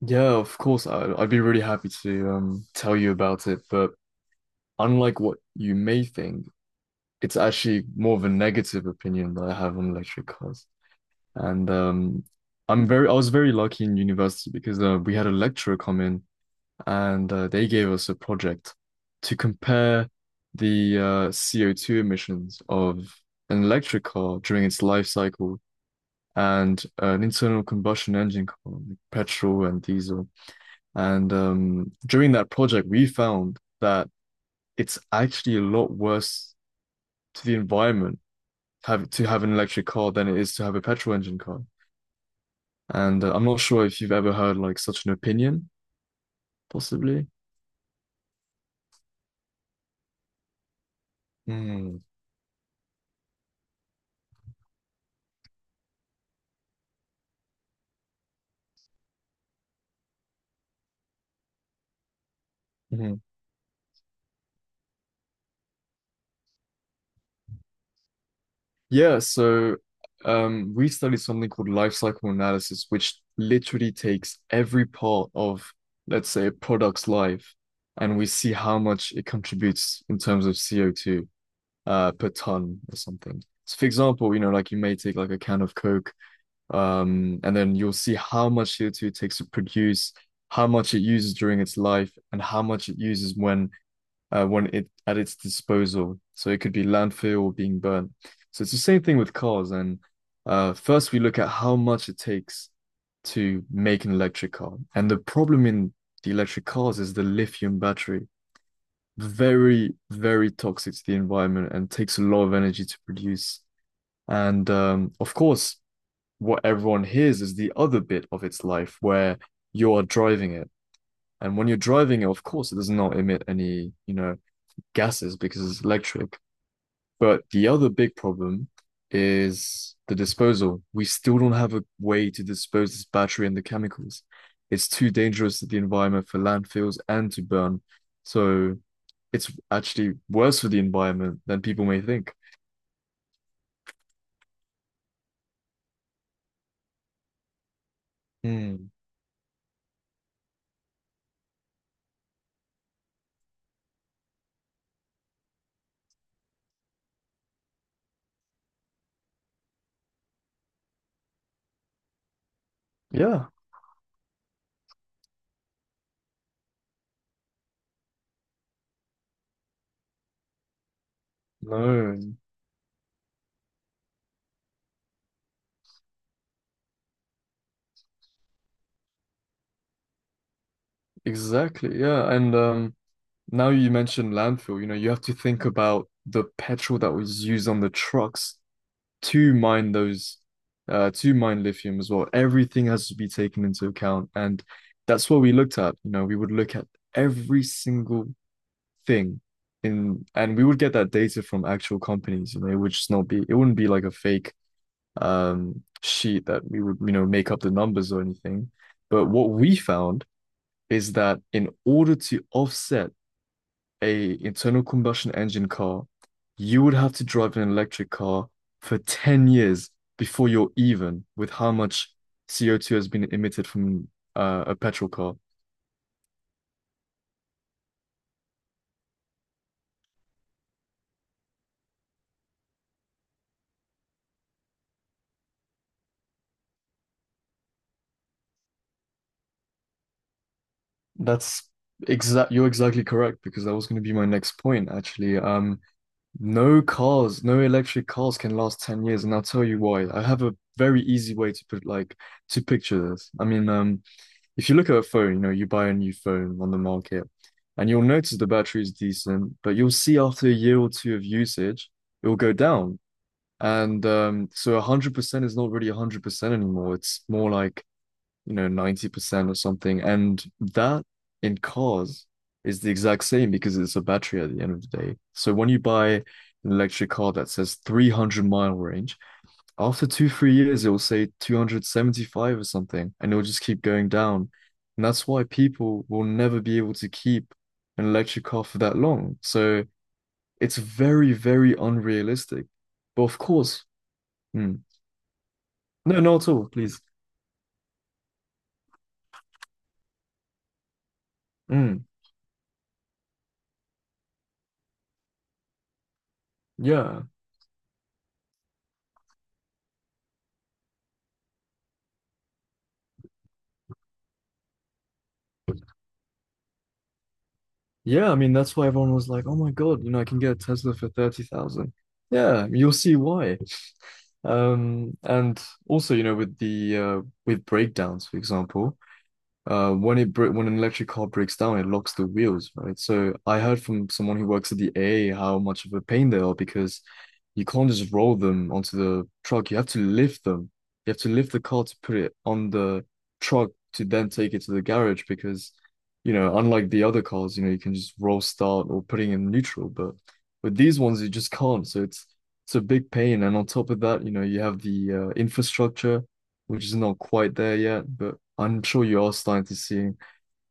Yeah, of course. I'd be really happy to tell you about it. But unlike what you may think, it's actually more of a negative opinion that I have on electric cars. And um, I was very lucky in university because we had a lecturer come in, and they gave us a project to compare the CO2 emissions of an electric car during its life cycle, and an internal combustion engine car, like petrol and diesel. And During that project, we found that it's actually a lot worse to the environment have to have an electric car than it is to have a petrol engine car. And I'm not sure if you've ever heard like such an opinion, possibly. Mm, mhm. Yeah, so we studied something called life cycle analysis, which literally takes every part of, let's say, a product's life, and we see how much it contributes in terms of CO2, per ton or something. So for example, you know, like you may take like a can of Coke, and then you'll see how much CO2 it takes to produce, how much it uses during its life, and how much it uses when it at its disposal. So it could be landfill or being burned. So it's the same thing with cars. And first we look at how much it takes to make an electric car. And the problem in the electric cars is the lithium battery, very, very toxic to the environment and takes a lot of energy to produce. And Of course, what everyone hears is the other bit of its life where you are driving it. And when you're driving it, of course, it does not emit any, you know, gases because it's electric. But the other big problem is the disposal. We still don't have a way to dispose this battery and the chemicals. It's too dangerous to the environment for landfills and to burn. So it's actually worse for the environment than people may think. Hmm. Yeah, no, exactly. Yeah, and now you mentioned landfill, you know, you have to think about the petrol that was used on the trucks to mine those, to mine lithium as well. Everything has to be taken into account, and that's what we looked at. You know, we would look at every single thing in, and we would get that data from actual companies. You know, it would just not be, it wouldn't be like a fake sheet that we would, you know, make up the numbers or anything. But what we found is that in order to offset a internal combustion engine car, you would have to drive an electric car for 10 years before you're even with how much CO2 has been emitted from a petrol car. That's exact. You're exactly correct because that was going to be my next point, actually. No cars, no electric cars can last 10 years, and I'll tell you why. I have a very easy way to put like to picture this. I mean, if you look at a phone, you know, you buy a new phone on the market and you'll notice the battery is decent, but you'll see after a year or two of usage, it'll go down. And So 100% is not really 100% anymore. It's more like, you know, 90% or something. And that in cars is the exact same because it's a battery at the end of the day. So when you buy an electric car that says 300-mile range, after two, 3 years, it will say 275 or something, and it'll just keep going down. And that's why people will never be able to keep an electric car for that long. So it's very, very unrealistic. But of course, mm, no, not at all, please. Mm, yeah. Yeah, I mean that's why everyone was like, "Oh my God, you know, I can get a Tesla for 30,000." Yeah, you'll see why. And also, you know, with the with breakdowns, for example, when when an electric car breaks down, it locks the wheels, right? So I heard from someone who works at the AA how much of a pain they are because you can't just roll them onto the truck. You have to lift them. You have to lift the car to put it on the truck to then take it to the garage because, you know, unlike the other cars, you know, you can just roll start or putting in neutral, but with these ones you just can't. It's a big pain, and on top of that, you know, you have the infrastructure which is not quite there yet, but I'm sure you are starting to see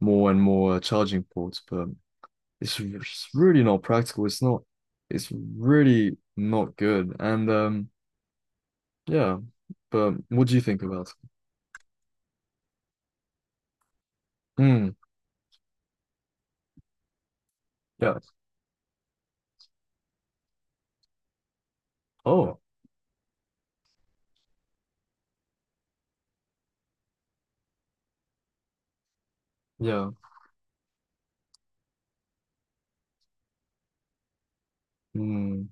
more and more charging ports, but it's really not practical. It's really not good. And Yeah, but what do you think about it? Hmm. Yeah. Oh, yeah. Hmm.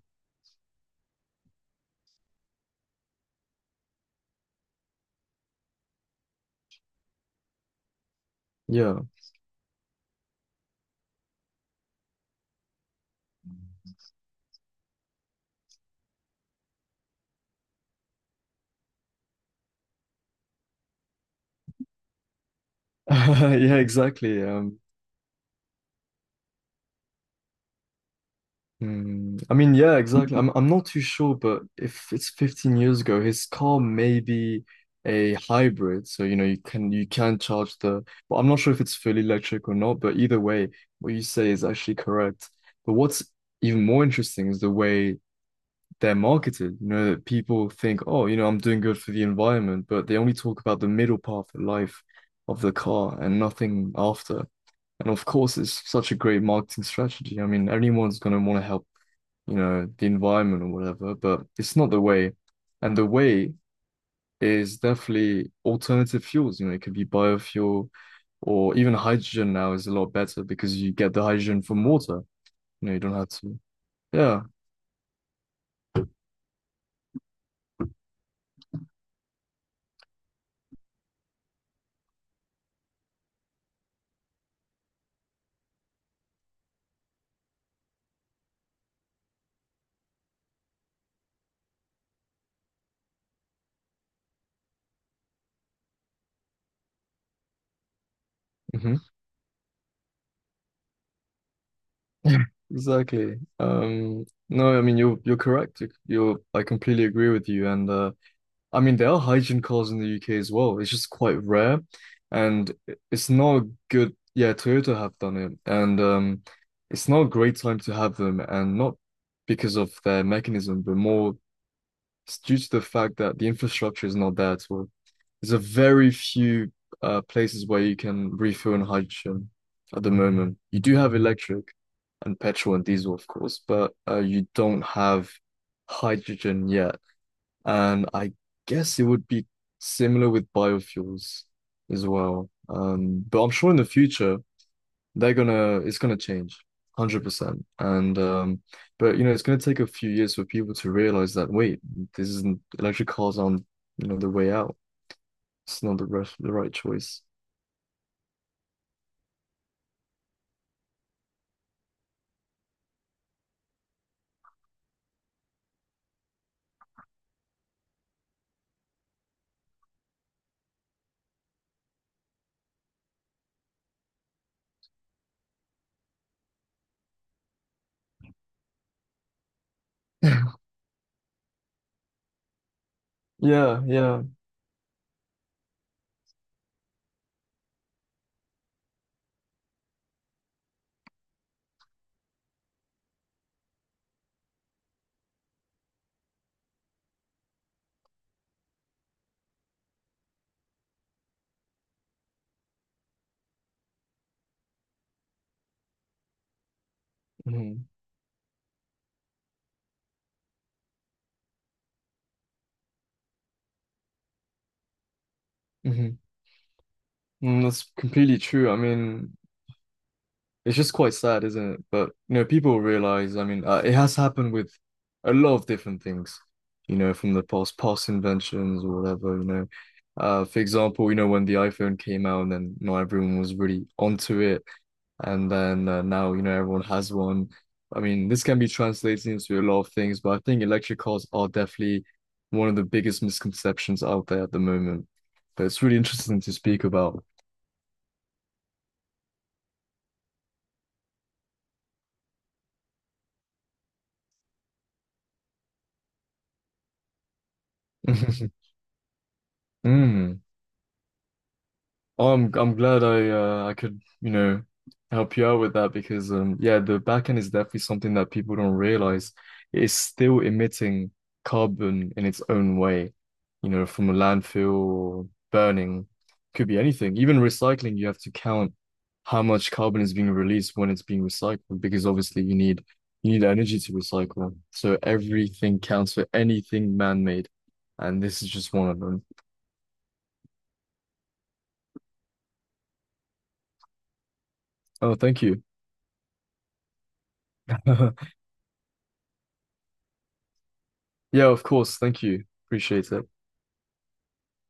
Yeah. Yeah, exactly. Hmm. I mean, yeah, exactly. I'm not too sure, but if it's 15 years ago, his car may be a hybrid, so you know you can charge the. Well, I'm not sure if it's fully electric or not, but either way, what you say is actually correct. But what's even more interesting is the way they're marketed. You know, that people think, oh, you know, I'm doing good for the environment, but they only talk about the middle path of life of the car and nothing after. And of course, it's such a great marketing strategy. I mean, anyone's gonna want to help, you know, the environment or whatever, but it's not the way. And the way is definitely alternative fuels. You know, it could be biofuel or even hydrogen now is a lot better because you get the hydrogen from water. You know, you don't have to. Yeah. Hmm. Exactly. No, I mean you're correct. You're, I completely agree with you. And I mean there are hygiene calls in the UK as well. It's just quite rare, and it's not a good. Yeah, Toyota have done it, and it's not a great time to have them, and not because of their mechanism, but more it's due to the fact that the infrastructure is not there at all. There's a very few places where you can refill in hydrogen at the moment. You do have electric and petrol and diesel, of course, but you don't have hydrogen yet. And I guess it would be similar with biofuels as well. But I'm sure in the future they're gonna it's gonna change 100%. And But you know it's gonna take a few years for people to realize that wait, this isn't, electric cars aren't, you know, the way out. It's not the right choice. Yeah, yeah. Hmm. Hmm. Mm, that's completely true. I mean, it's just quite sad, isn't it? But you know, people realize, I mean, it has happened with a lot of different things, you know, from the past inventions or whatever, you know. For example, you know, when the iPhone came out and then not everyone was really onto it, and then now you know everyone has one. I mean, this can be translated into a lot of things, but I think electric cars are definitely one of the biggest misconceptions out there at the moment. But it's really interesting to speak about. Mm. Oh, I'm glad I could, you know, help you out with that because um, yeah, the backend is definitely something that people don't realize. It's still emitting carbon in its own way, you know, from a landfill or burning, could be anything. Even recycling, you have to count how much carbon is being released when it's being recycled because obviously you need energy to recycle. So everything counts for anything man-made, and this is just one of them. Oh, thank you. Yeah, of course. Thank you. Appreciate it.